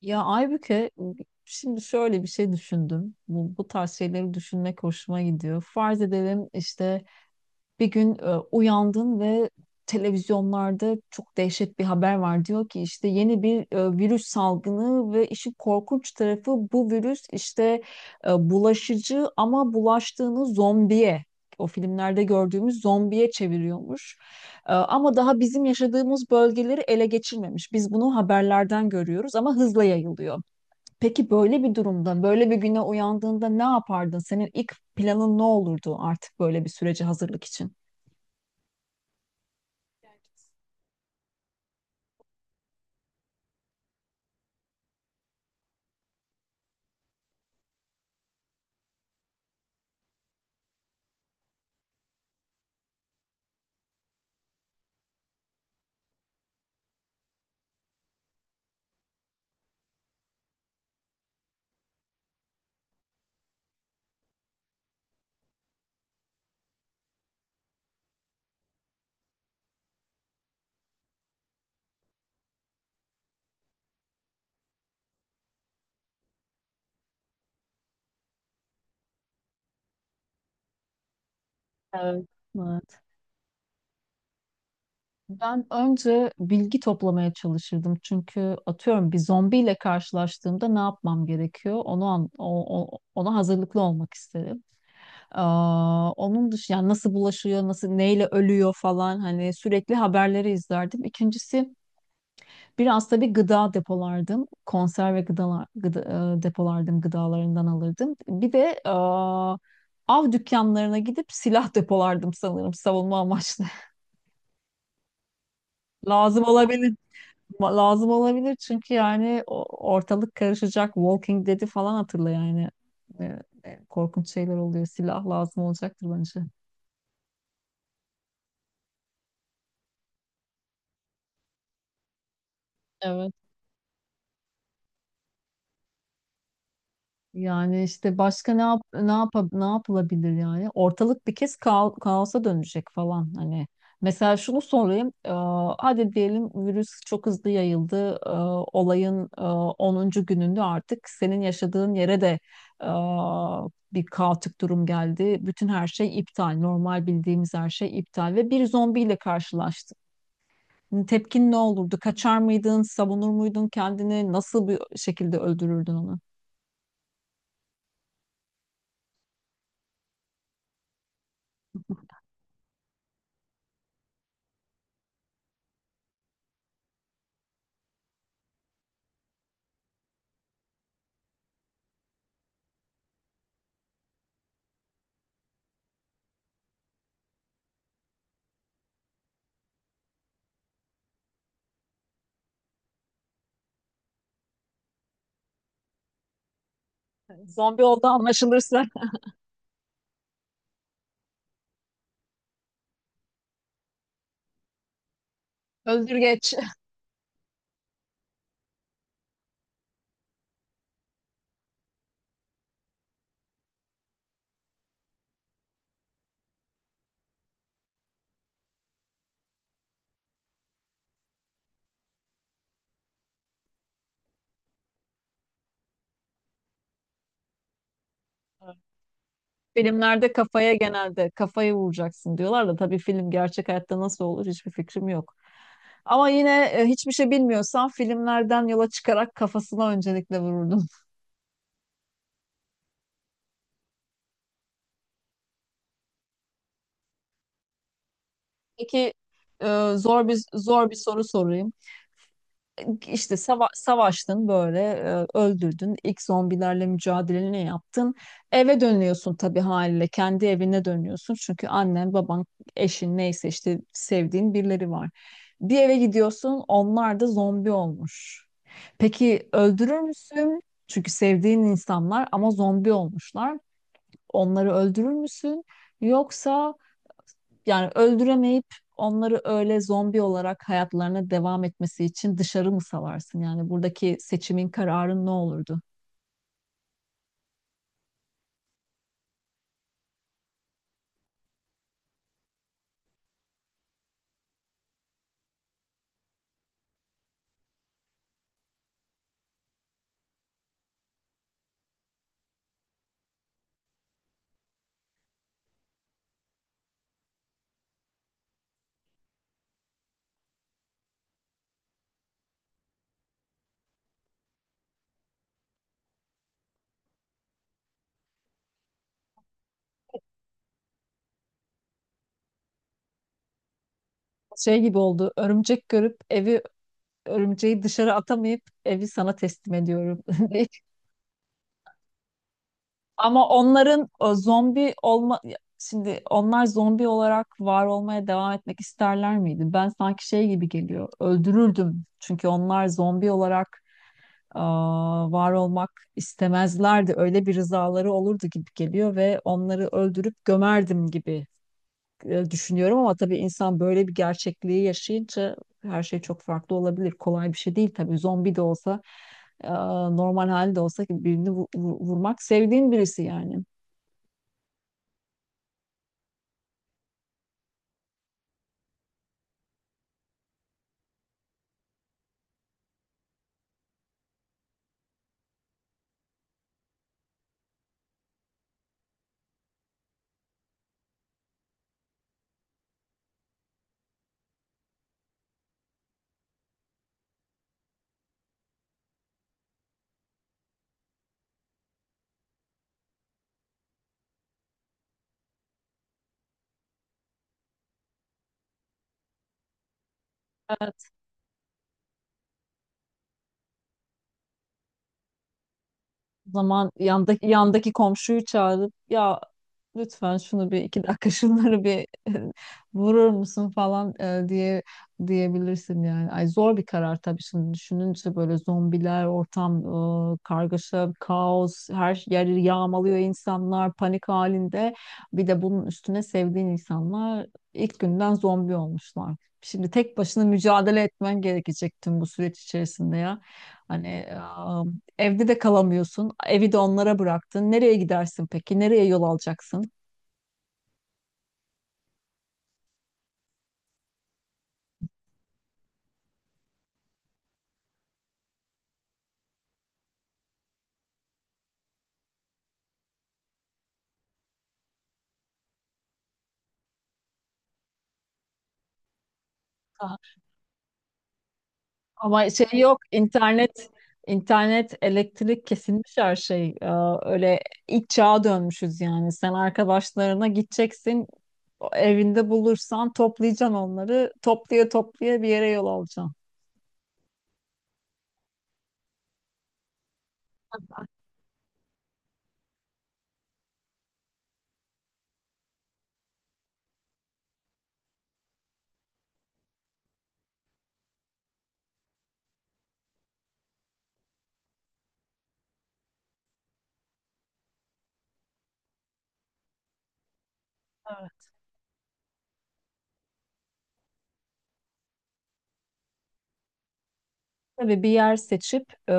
Ya Aybüke, şimdi şöyle bir şey düşündüm. Bu tarz şeyleri düşünmek hoşuma gidiyor. Farz edelim işte bir gün uyandın ve televizyonlarda çok dehşet bir haber var. Diyor ki işte yeni bir virüs salgını ve işin korkunç tarafı bu virüs işte bulaşıcı ama bulaştığını zombiye, o filmlerde gördüğümüz zombiye çeviriyormuş. Ama daha bizim yaşadığımız bölgeleri ele geçirmemiş. Biz bunu haberlerden görüyoruz ama hızla yayılıyor. Peki böyle bir durumda, böyle bir güne uyandığında ne yapardın? Senin ilk planın ne olurdu artık böyle bir sürece hazırlık için? Evet. Evet. Ben önce bilgi toplamaya çalışırdım. Çünkü atıyorum bir zombiyle karşılaştığımda ne yapmam gerekiyor? Onu an- o- o- Ona hazırlıklı olmak isterim. Aa, onun dışında yani nasıl bulaşıyor, nasıl neyle ölüyor falan hani sürekli haberleri izlerdim. İkincisi biraz da bir gıda depolardım. Konserve gıdalar depolardım, gıdalarından alırdım. Bir de aa, av dükkanlarına gidip silah depolardım sanırım savunma amaçlı. Lazım olabilir. Lazım olabilir çünkü yani ortalık karışacak. Walking Dead'i falan hatırla yani. Korkunç şeyler oluyor. Silah lazım olacaktır bence. Yani işte başka ne yapılabilir yani? Ortalık bir kez kaosa dönecek falan hani. Mesela şunu sorayım. Hadi diyelim virüs çok hızlı yayıldı. Olayın 10. gününde artık senin yaşadığın yere de e, bir kaotik durum geldi. Bütün her şey iptal. Normal bildiğimiz her şey iptal ve bir zombiyle karşılaştık. Hani, tepkin ne olurdu? Kaçar mıydın? Savunur muydun kendini? Nasıl bir şekilde öldürürdün onu? Zombi oldu anlaşılırsa. Özür geç. Filmlerde kafaya genelde kafayı vuracaksın diyorlar da tabii film gerçek hayatta nasıl olur hiçbir fikrim yok. Ama yine hiçbir şey bilmiyorsan filmlerden yola çıkarak kafasına öncelikle vururdum. Peki e, zor bir soru sorayım. İşte savaştın böyle öldürdün ilk zombilerle mücadeleni yaptın, eve dönüyorsun, tabii haliyle kendi evine dönüyorsun çünkü annen baban eşin neyse işte sevdiğin birileri var, bir eve gidiyorsun, onlar da zombi olmuş. Peki öldürür müsün? Çünkü sevdiğin insanlar ama zombi olmuşlar. Onları öldürür müsün, yoksa yani öldüremeyip onları öyle zombi olarak hayatlarına devam etmesi için dışarı mı salarsın? Yani buradaki seçimin, kararın ne olurdu? Şey gibi oldu. Örümcek görüp evi, örümceği dışarı atamayıp evi sana teslim ediyorum. diye. Ama onların o zombi olma, şimdi onlar zombi olarak var olmaya devam etmek isterler miydi? Ben sanki şey gibi geliyor. Öldürürdüm. Çünkü onlar zombi olarak aa, var olmak istemezlerdi. Öyle bir rızaları olurdu gibi geliyor ve onları öldürüp gömerdim gibi düşünüyorum ama tabii insan böyle bir gerçekliği yaşayınca her şey çok farklı olabilir. Kolay bir şey değil tabii. Zombi de olsa, aa, normal halde de olsa birini vurmak, sevdiğin birisi yani. O zaman yandaki komşuyu çağırıp ya lütfen şunu bir iki dakika şunları bir vurur musun falan diye diyebilirsin yani. Ay zor bir karar tabii, şimdi düşününce böyle zombiler, ortam kargaşa, kaos, her yeri yağmalıyor, insanlar panik halinde. Bir de bunun üstüne sevdiğin insanlar ilk günden zombi olmuşlar. Şimdi tek başına mücadele etmen gerekecek tüm bu süreç içerisinde ya. Hani evde de kalamıyorsun. Evi de onlara bıraktın. Nereye gidersin peki? Nereye yol alacaksın? Aha. Ama şey yok. İnternet, internet, elektrik kesilmiş, her şey. Öyle ilk çağa dönmüşüz yani. Sen arkadaşlarına gideceksin. Evinde bulursan toplayacaksın onları. Toplaya toplaya bir yere yol alacaksın. Tabii bir yer seçip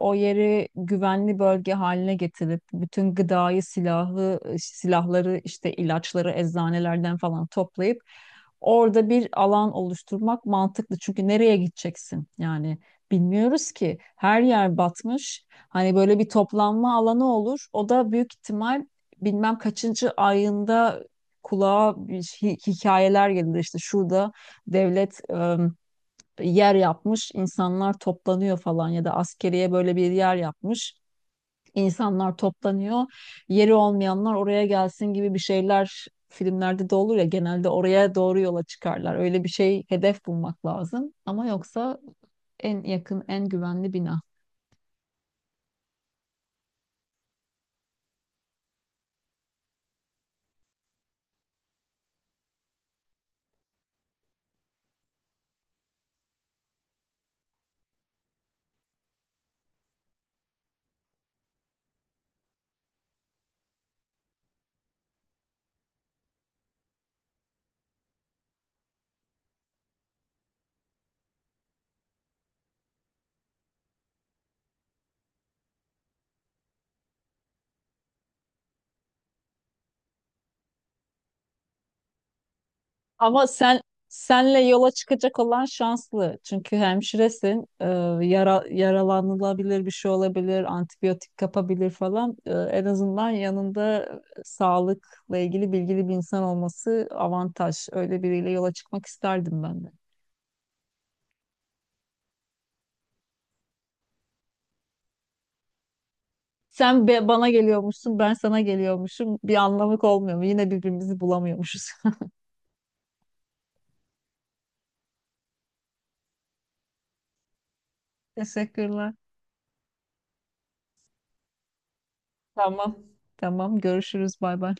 o yeri güvenli bölge haline getirip bütün gıdayı, silahları, işte ilaçları eczanelerden falan toplayıp orada bir alan oluşturmak mantıklı. Çünkü nereye gideceksin? Yani bilmiyoruz ki, her yer batmış. Hani böyle bir toplanma alanı olur. O da büyük ihtimal bilmem kaçıncı ayında kulağa bir hikayeler gelir. İşte şurada devlet yer yapmış, insanlar toplanıyor falan ya da askeriye böyle bir yer yapmış, insanlar toplanıyor. Yeri olmayanlar oraya gelsin gibi bir şeyler filmlerde de olur ya, genelde oraya doğru yola çıkarlar. Öyle bir şey, hedef bulmak lazım. Ama yoksa en yakın, en güvenli bina. Ama sen, senle yola çıkacak olan şanslı. Çünkü hemşiresin. Yara, yaralanılabilir bir şey olabilir, antibiyotik kapabilir falan. En azından yanında sağlıkla ilgili bilgili bir insan olması avantaj. Öyle biriyle yola çıkmak isterdim ben de. Sen bana geliyormuşsun, ben sana geliyormuşum. Bir anlamı olmuyor mu? Yine birbirimizi bulamıyormuşuz. Teşekkürler. Tamam. Tamam, görüşürüz. Bay bay.